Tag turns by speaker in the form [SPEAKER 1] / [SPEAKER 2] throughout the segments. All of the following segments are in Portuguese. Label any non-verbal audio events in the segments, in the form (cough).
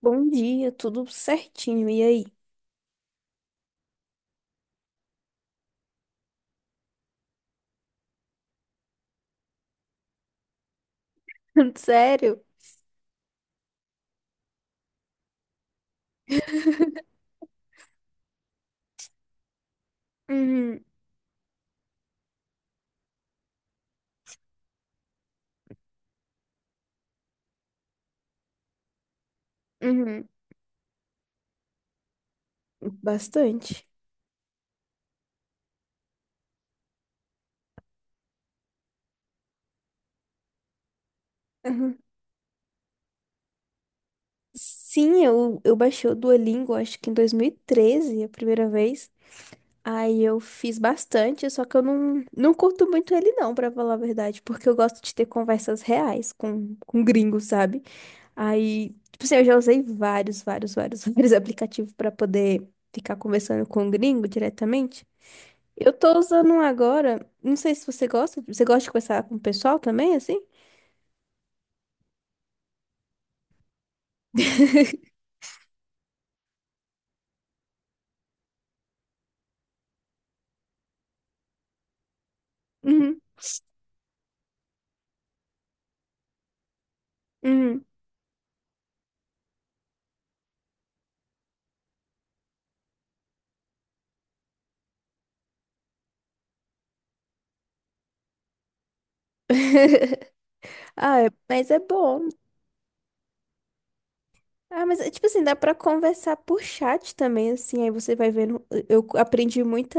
[SPEAKER 1] Bom dia, tudo certinho. E aí? (laughs) Sério? Uhum, uhum. Bastante. Uhum. Sim, eu baixei o Duolingo, acho que em 2013, a primeira vez. Aí eu fiz bastante, só que eu não curto muito ele não, pra falar a verdade, porque eu gosto de ter conversas reais com gringos, sabe? Aí, tipo assim, eu já usei vários, vários, vários, (laughs) vários aplicativos pra poder ficar conversando com o gringo diretamente. Eu tô usando um agora. Não sei se você gosta. Você gosta de conversar com o pessoal também, assim? Uhum, uhum. (laughs) Ah, mas é bom. Ah, mas é tipo assim, dá pra conversar por chat também, assim. Aí você vai vendo. Eu aprendi muita.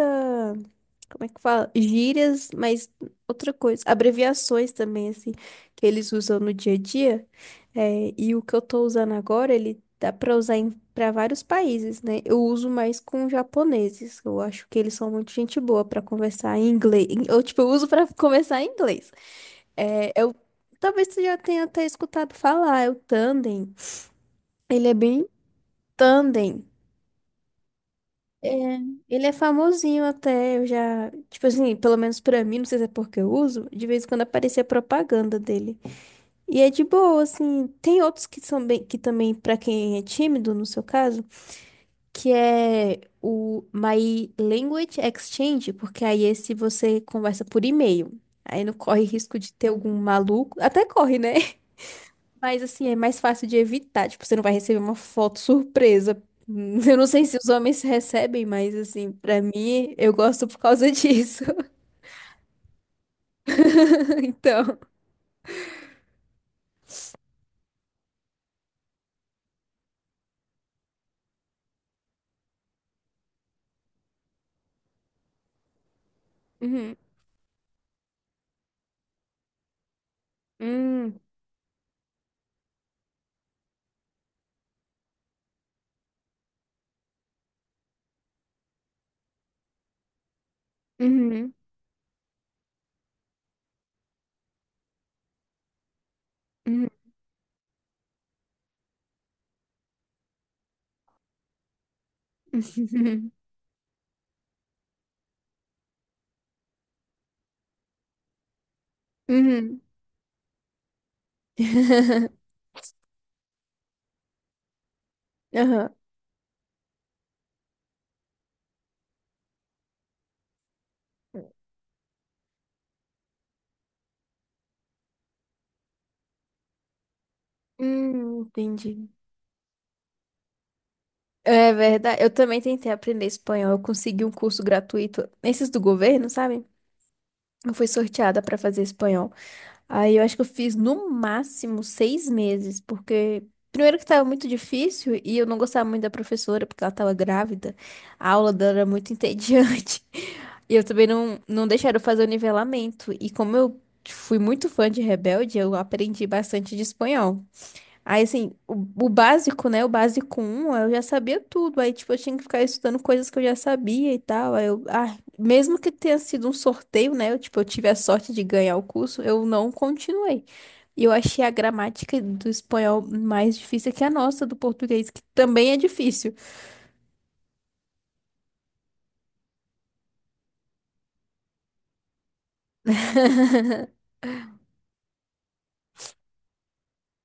[SPEAKER 1] Como é que fala? Gírias, mas outra coisa. Abreviações também, assim, que eles usam no dia a dia. É, e o que eu tô usando agora, ele dá pra usar pra vários países, né? Eu uso mais com japoneses. Eu acho que eles são muito gente boa pra conversar em inglês. Ou, tipo, eu tipo, uso pra (laughs) conversar em inglês. É, talvez você já tenha até escutado falar, é o tandem. Ele é bem tandem. É, ele é famosinho até, eu já, tipo assim, pelo menos pra mim, não sei se é porque eu uso, de vez em quando aparecia propaganda dele. E é de boa, assim. Tem outros que são bem, que também pra quem é tímido, no seu caso, que é o My Language Exchange, porque aí esse você conversa por e-mail. Aí não corre risco de ter algum maluco, até corre, né? Mas assim, é mais fácil de evitar. Tipo, você não vai receber uma foto surpresa. (laughs) Eu não sei se os homens recebem, mas assim, pra mim, eu gosto por causa disso. (laughs) Então. Uhum, uhum, uhum, uhum, uhum, uhum. (laughs) Aham. Entendi. É verdade. Eu também tentei aprender espanhol. Eu consegui um curso gratuito, esses do governo, sabe? Eu fui sorteada para fazer espanhol. Aí eu acho que eu fiz no máximo 6 meses, porque primeiro que estava muito difícil e eu não gostava muito da professora, porque ela estava grávida, a aula dela era muito entediante. (laughs) E eu também não deixaram eu fazer o nivelamento. E como eu fui muito fã de Rebelde, eu aprendi bastante de espanhol. Aí, assim, o básico, né? O básico um eu já sabia tudo. Aí, tipo, eu tinha que ficar estudando coisas que eu já sabia e tal. Aí mesmo que tenha sido um sorteio, né? Eu, tipo, eu tive a sorte de ganhar o curso, eu não continuei. E eu achei a gramática do espanhol mais difícil que a nossa, do português, que também é difícil. (laughs)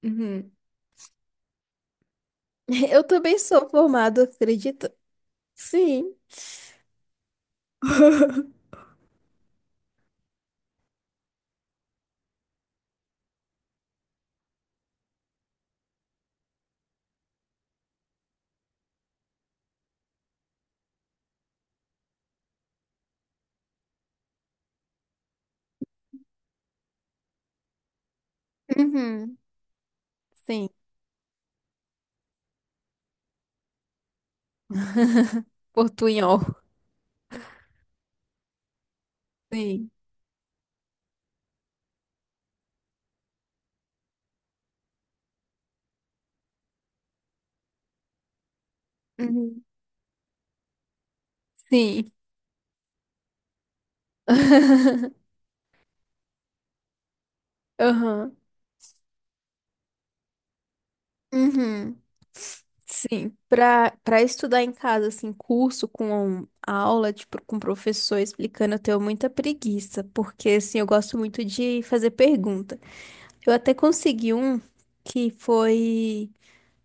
[SPEAKER 1] Uhum. Eu também sou formada, acredita? Sim. (laughs) Uhum. Sim. (laughs) Portunhol. Sim. Uhum. Sim. (laughs) Aham. Uhum. Sim, para estudar em casa, assim, curso com aula, tipo, com professor explicando, eu tenho muita preguiça, porque, assim, eu gosto muito de fazer pergunta. Eu até consegui um que foi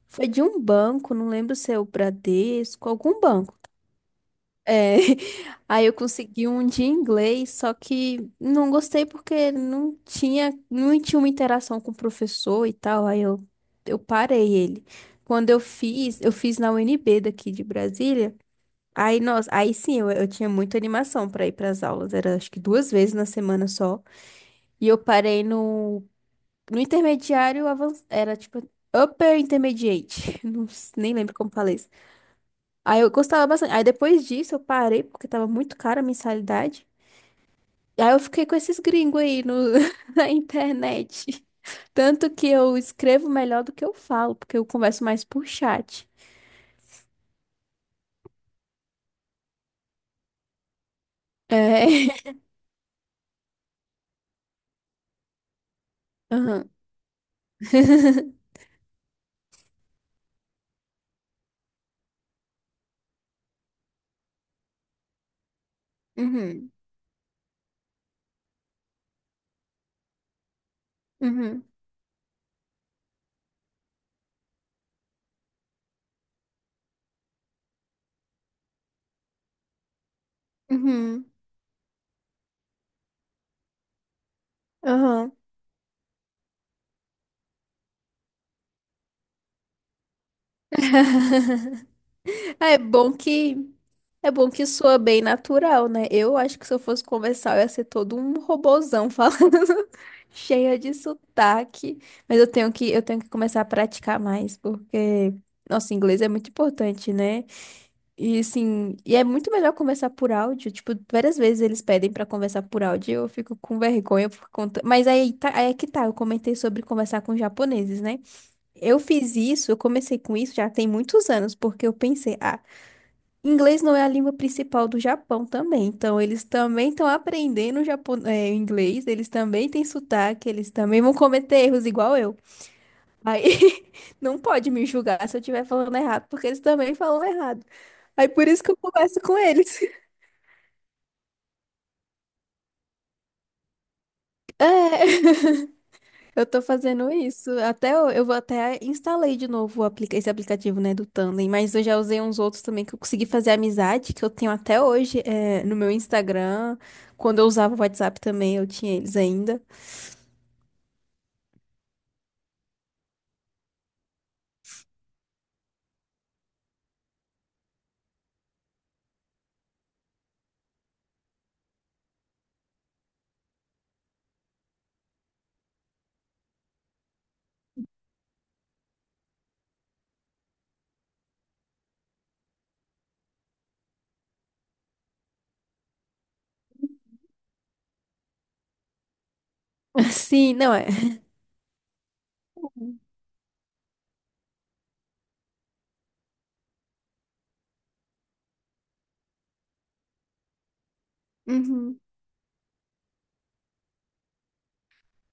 [SPEAKER 1] foi de um banco, não lembro se é o Bradesco, algum banco. É, (laughs) aí eu consegui um de inglês, só que não gostei porque não tinha uma interação com o professor e tal, aí eu parei ele. Quando eu fiz na UNB daqui de Brasília, aí, nossa, aí sim, eu tinha muita animação para ir para as aulas, era acho que duas vezes na semana só, e eu parei no intermediário avançado, era tipo upper intermediate, (laughs) não, nem lembro como falei. Aí eu gostava bastante. Aí depois disso eu parei porque tava muito cara a mensalidade. E aí eu fiquei com esses gringos aí no, (laughs) na internet. Tanto que eu escrevo melhor do que eu falo, porque eu converso mais por chat. É. (laughs) Aham. (laughs) Uhum. Uhum. Uhum. Uhum. Ah, É bom que soa bem natural, né? Eu acho que se eu fosse conversar, eu ia ser todo um robozão falando (laughs) cheia de sotaque, mas eu tenho que começar a praticar mais, porque nosso inglês é muito importante, né? E assim, e é muito melhor conversar por áudio, tipo, várias vezes eles pedem pra conversar por áudio, e eu fico com vergonha por conta, mas aí tá, aí é que tá, eu comentei sobre conversar com japoneses, né? Eu fiz isso, eu comecei com isso já tem muitos anos, porque eu pensei, ah, inglês não é a língua principal do Japão também, então eles também estão aprendendo inglês, eles também têm sotaque, eles também vão cometer erros igual eu. Aí (laughs) não pode me julgar se eu estiver falando errado, porque eles também falam errado. Aí por isso que eu converso com eles. (laughs) É. Eu tô fazendo isso. Até eu vou até instalei de novo o esse aplicativo, né, do Tandem, mas eu já usei uns outros também que eu consegui fazer amizade, que eu tenho até hoje, é, no meu Instagram. Quando eu usava o WhatsApp também, eu tinha eles ainda. (laughs) Sim, não é. Uhum. Uhum.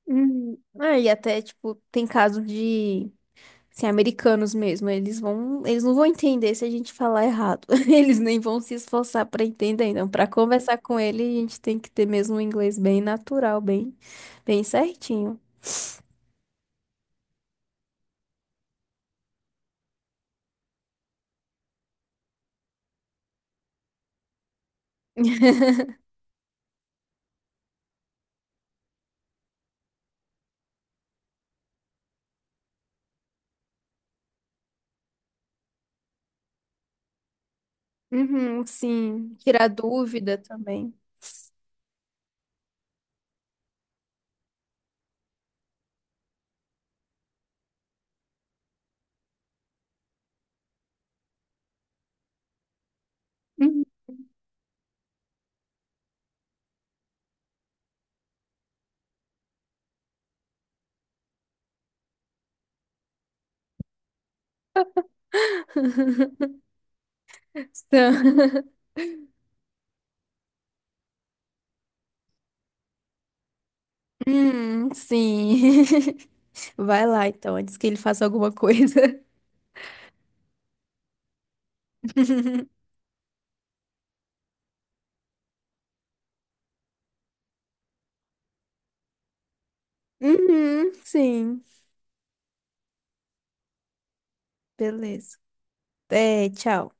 [SPEAKER 1] Uhum. Ah, e até, tipo, tem caso de assim, americanos mesmo, eles não vão entender se a gente falar errado. (laughs) Eles nem vão se esforçar para entender. Então, para conversar com ele, a gente tem que ter mesmo um inglês bem natural, bem, bem certinho. (laughs) Uhum, sim, tirar dúvida também. Uhum. (laughs) Então, (laughs) sim. (laughs) Vai lá então, antes que ele faça alguma coisa. (laughs) Uhum, sim. Beleza. É, tchau.